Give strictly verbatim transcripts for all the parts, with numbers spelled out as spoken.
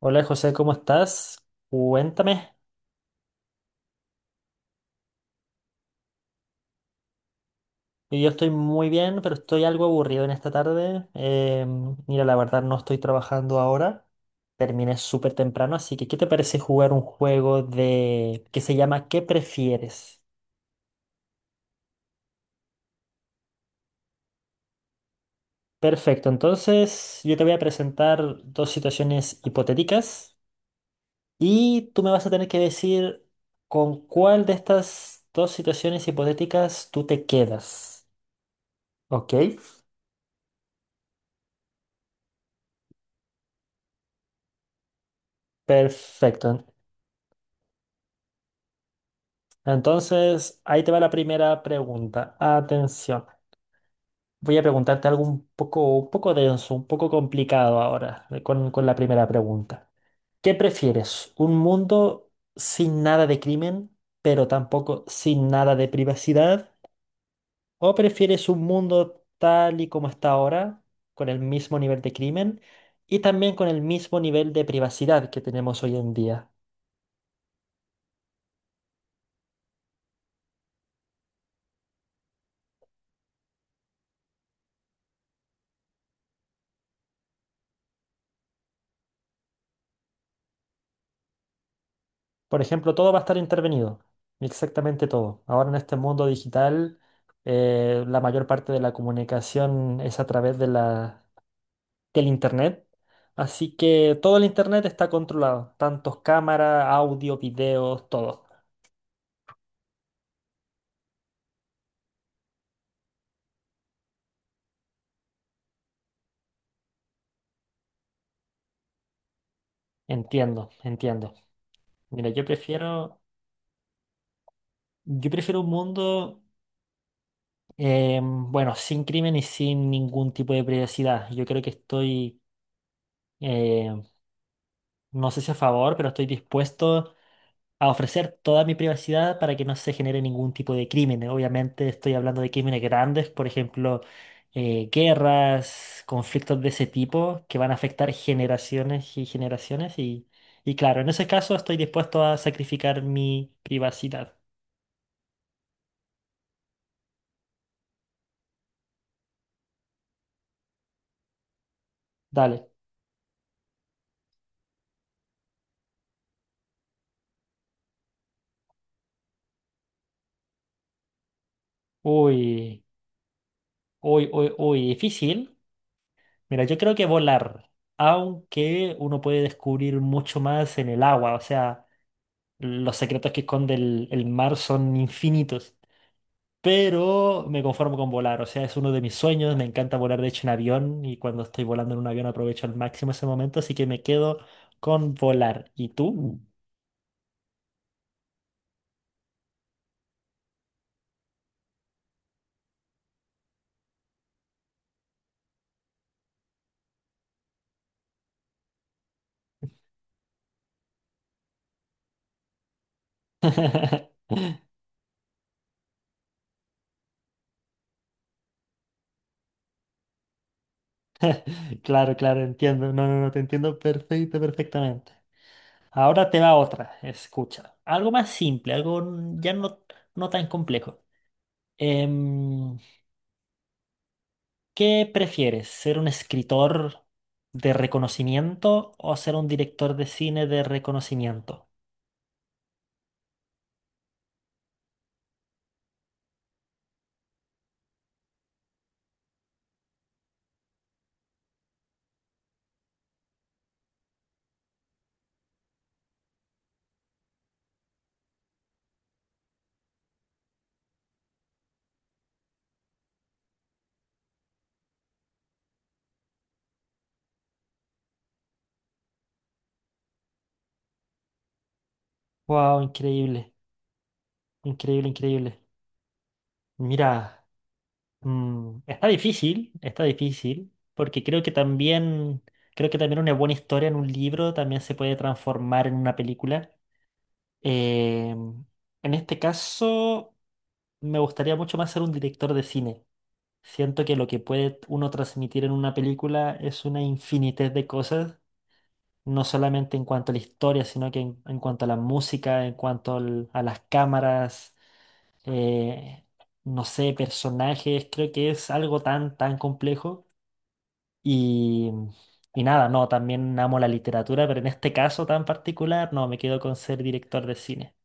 Hola José, ¿cómo estás? Cuéntame. Y Yo estoy muy bien, pero estoy algo aburrido en esta tarde. Eh, mira, la verdad no estoy trabajando ahora. Terminé súper temprano, así que ¿qué te parece jugar un juego de que se llama ¿Qué prefieres? Perfecto, entonces yo te voy a presentar dos situaciones hipotéticas y tú me vas a tener que decir con cuál de estas dos situaciones hipotéticas tú te quedas. ¿Ok? Perfecto. Entonces, ahí te va la primera pregunta. Atención. Voy a preguntarte algo un poco, un poco denso, un poco complicado ahora, eh, con, con la primera pregunta. ¿Qué prefieres? ¿Un mundo sin nada de crimen, pero tampoco sin nada de privacidad? ¿O prefieres un mundo tal y como está ahora, con el mismo nivel de crimen y también con el mismo nivel de privacidad que tenemos hoy en día? Por ejemplo, todo va a estar intervenido, exactamente todo. Ahora en este mundo digital, eh, la mayor parte de la comunicación es a través de la, del Internet. Así que todo el Internet está controlado, tantos cámaras, audio, videos, todo. Entiendo, entiendo. Mira, yo prefiero, yo prefiero un mundo, eh, bueno, sin crimen y sin ningún tipo de privacidad. Yo creo que estoy, eh, no sé si a favor, pero estoy dispuesto a ofrecer toda mi privacidad para que no se genere ningún tipo de crimen. Obviamente estoy hablando de crímenes grandes, por ejemplo, eh, guerras, conflictos de ese tipo que van a afectar generaciones y generaciones y, y claro, en ese caso estoy dispuesto a sacrificar mi privacidad. Dale. Uy, uy, uy, uy, difícil. Mira, yo creo que volar, aunque uno puede descubrir mucho más en el agua, o sea, los secretos que esconde el el mar son infinitos. Pero me conformo con volar, o sea, es uno de mis sueños, me encanta volar de hecho en avión y cuando estoy volando en un avión aprovecho al máximo ese momento, así que me quedo con volar. ¿Y tú? Claro, claro, entiendo, no, no, no, te entiendo perfecto, perfectamente. Ahora te va otra, escucha, algo más simple, algo n- ya no, no tan complejo. Em, ¿qué prefieres, ser un escritor de reconocimiento o ser un director de cine de reconocimiento? Wow, increíble. Increíble, increíble. Mira, mm, está difícil, está difícil, porque creo que también, creo que también una buena historia en un libro también se puede transformar en una película. Eh, en este caso, me gustaría mucho más ser un director de cine. Siento que lo que puede uno transmitir en una película es una infinidad de cosas, no solamente en cuanto a la historia, sino que en, en cuanto a la música, en cuanto al- a las cámaras eh, no sé, personajes, creo que es algo tan, tan complejo. Y, y nada, no, también amo la literatura, pero en este caso tan particular, no, me quedo con ser director de cine.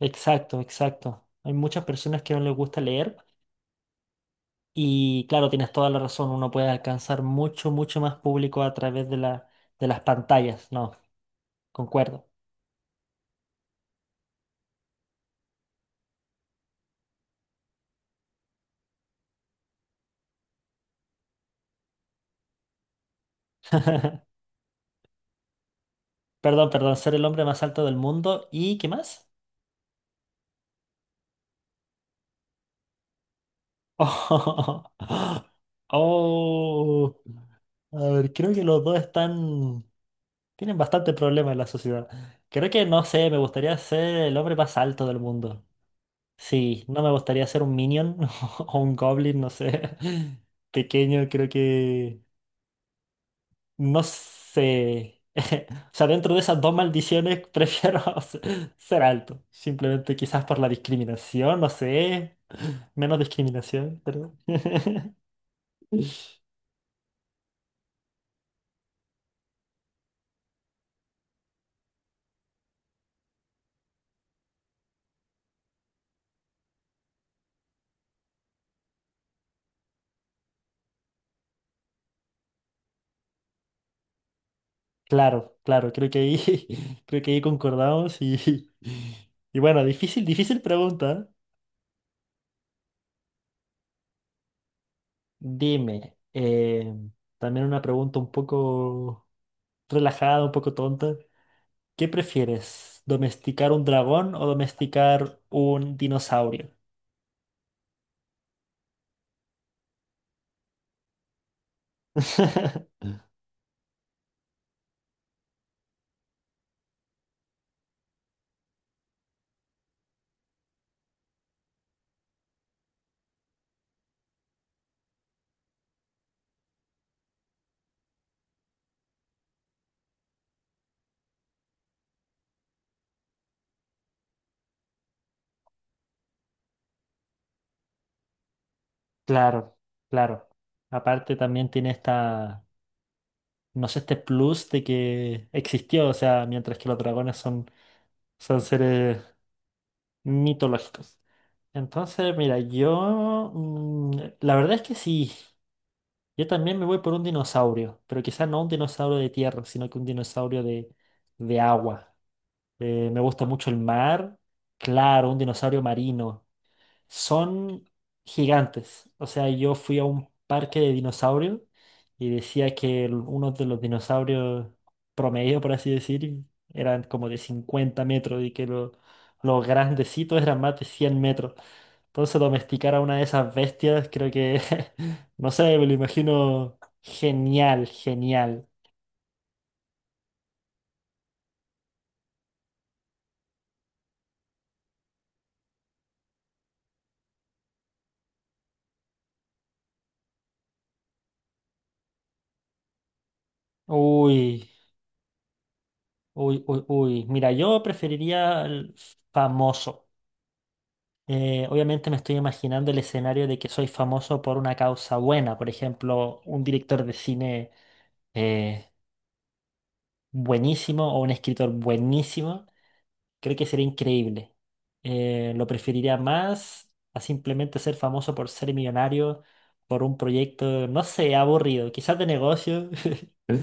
Exacto, exacto. Hay muchas personas que no les gusta leer y claro, tienes toda la razón, uno puede alcanzar mucho, mucho más público a través de la, de las pantallas, no, concuerdo. Perdón, perdón, ser el hombre más alto del mundo y ¿qué más? Oh, a ver, creo que los dos están... Tienen bastante problema en la sociedad. Creo que, no sé, me gustaría ser el hombre más alto del mundo. Sí, no me gustaría ser un minion o un goblin, no sé. Pequeño, creo que... No sé. O sea, dentro de esas dos maldiciones prefiero se- ser alto. Simplemente quizás por la discriminación, no sé. Menos discriminación, pero... Claro, claro, creo que ahí, creo que ahí concordamos y, y bueno, difícil, difícil pregunta. Dime, eh, también una pregunta un poco relajada, un poco tonta. ¿Qué prefieres, domesticar un dragón o domesticar un dinosaurio? Claro, claro. Aparte también tiene esta, no sé, este plus de que existió, o sea, mientras que los dragones son, son seres mitológicos. Entonces, mira, yo... mm, la verdad es que sí. Yo también me voy por un dinosaurio, pero quizás no un dinosaurio de tierra, sino que un dinosaurio de, de agua. Eh, me gusta mucho el mar. Claro, un dinosaurio marino. Son gigantes. O sea, yo fui a un parque de dinosaurios y decía que el- uno de los dinosaurios promedio, por así decir, eran como de cincuenta metros y que lo- los grandecitos eran más de cien metros. Entonces domesticar a una de esas bestias, creo que, no sé, me lo imagino genial, genial. Uy, uy, uy, uy. Mira, yo preferiría el famoso. Eh, obviamente me estoy imaginando el escenario de que soy famoso por una causa buena, por ejemplo, un director de cine eh, buenísimo o un escritor buenísimo, creo que sería increíble. Eh, lo preferiría más a simplemente ser famoso por ser millonario, por un proyecto, no sé, aburrido, quizás de negocio,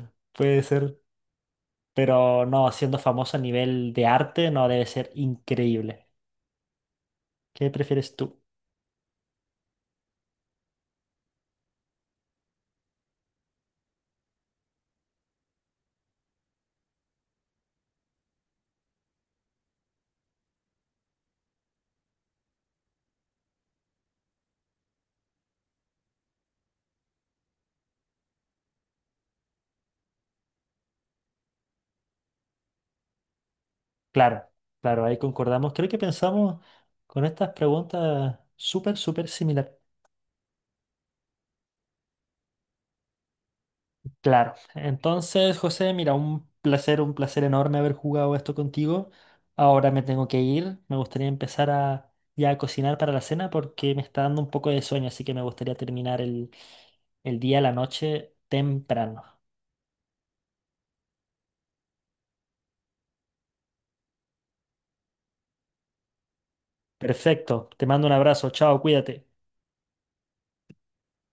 puede ser, pero no, siendo famoso a nivel de arte no debe ser increíble. ¿Qué prefieres tú? Claro, claro, ahí concordamos. Creo que pensamos con estas preguntas súper, súper similar. Claro, entonces José, mira, un placer, un placer enorme haber jugado esto contigo. Ahora me tengo que ir, me gustaría empezar a ya a cocinar para la cena porque me está dando un poco de sueño, así que me gustaría terminar el, el día, la noche temprano. Perfecto, te mando un abrazo, chao, cuídate.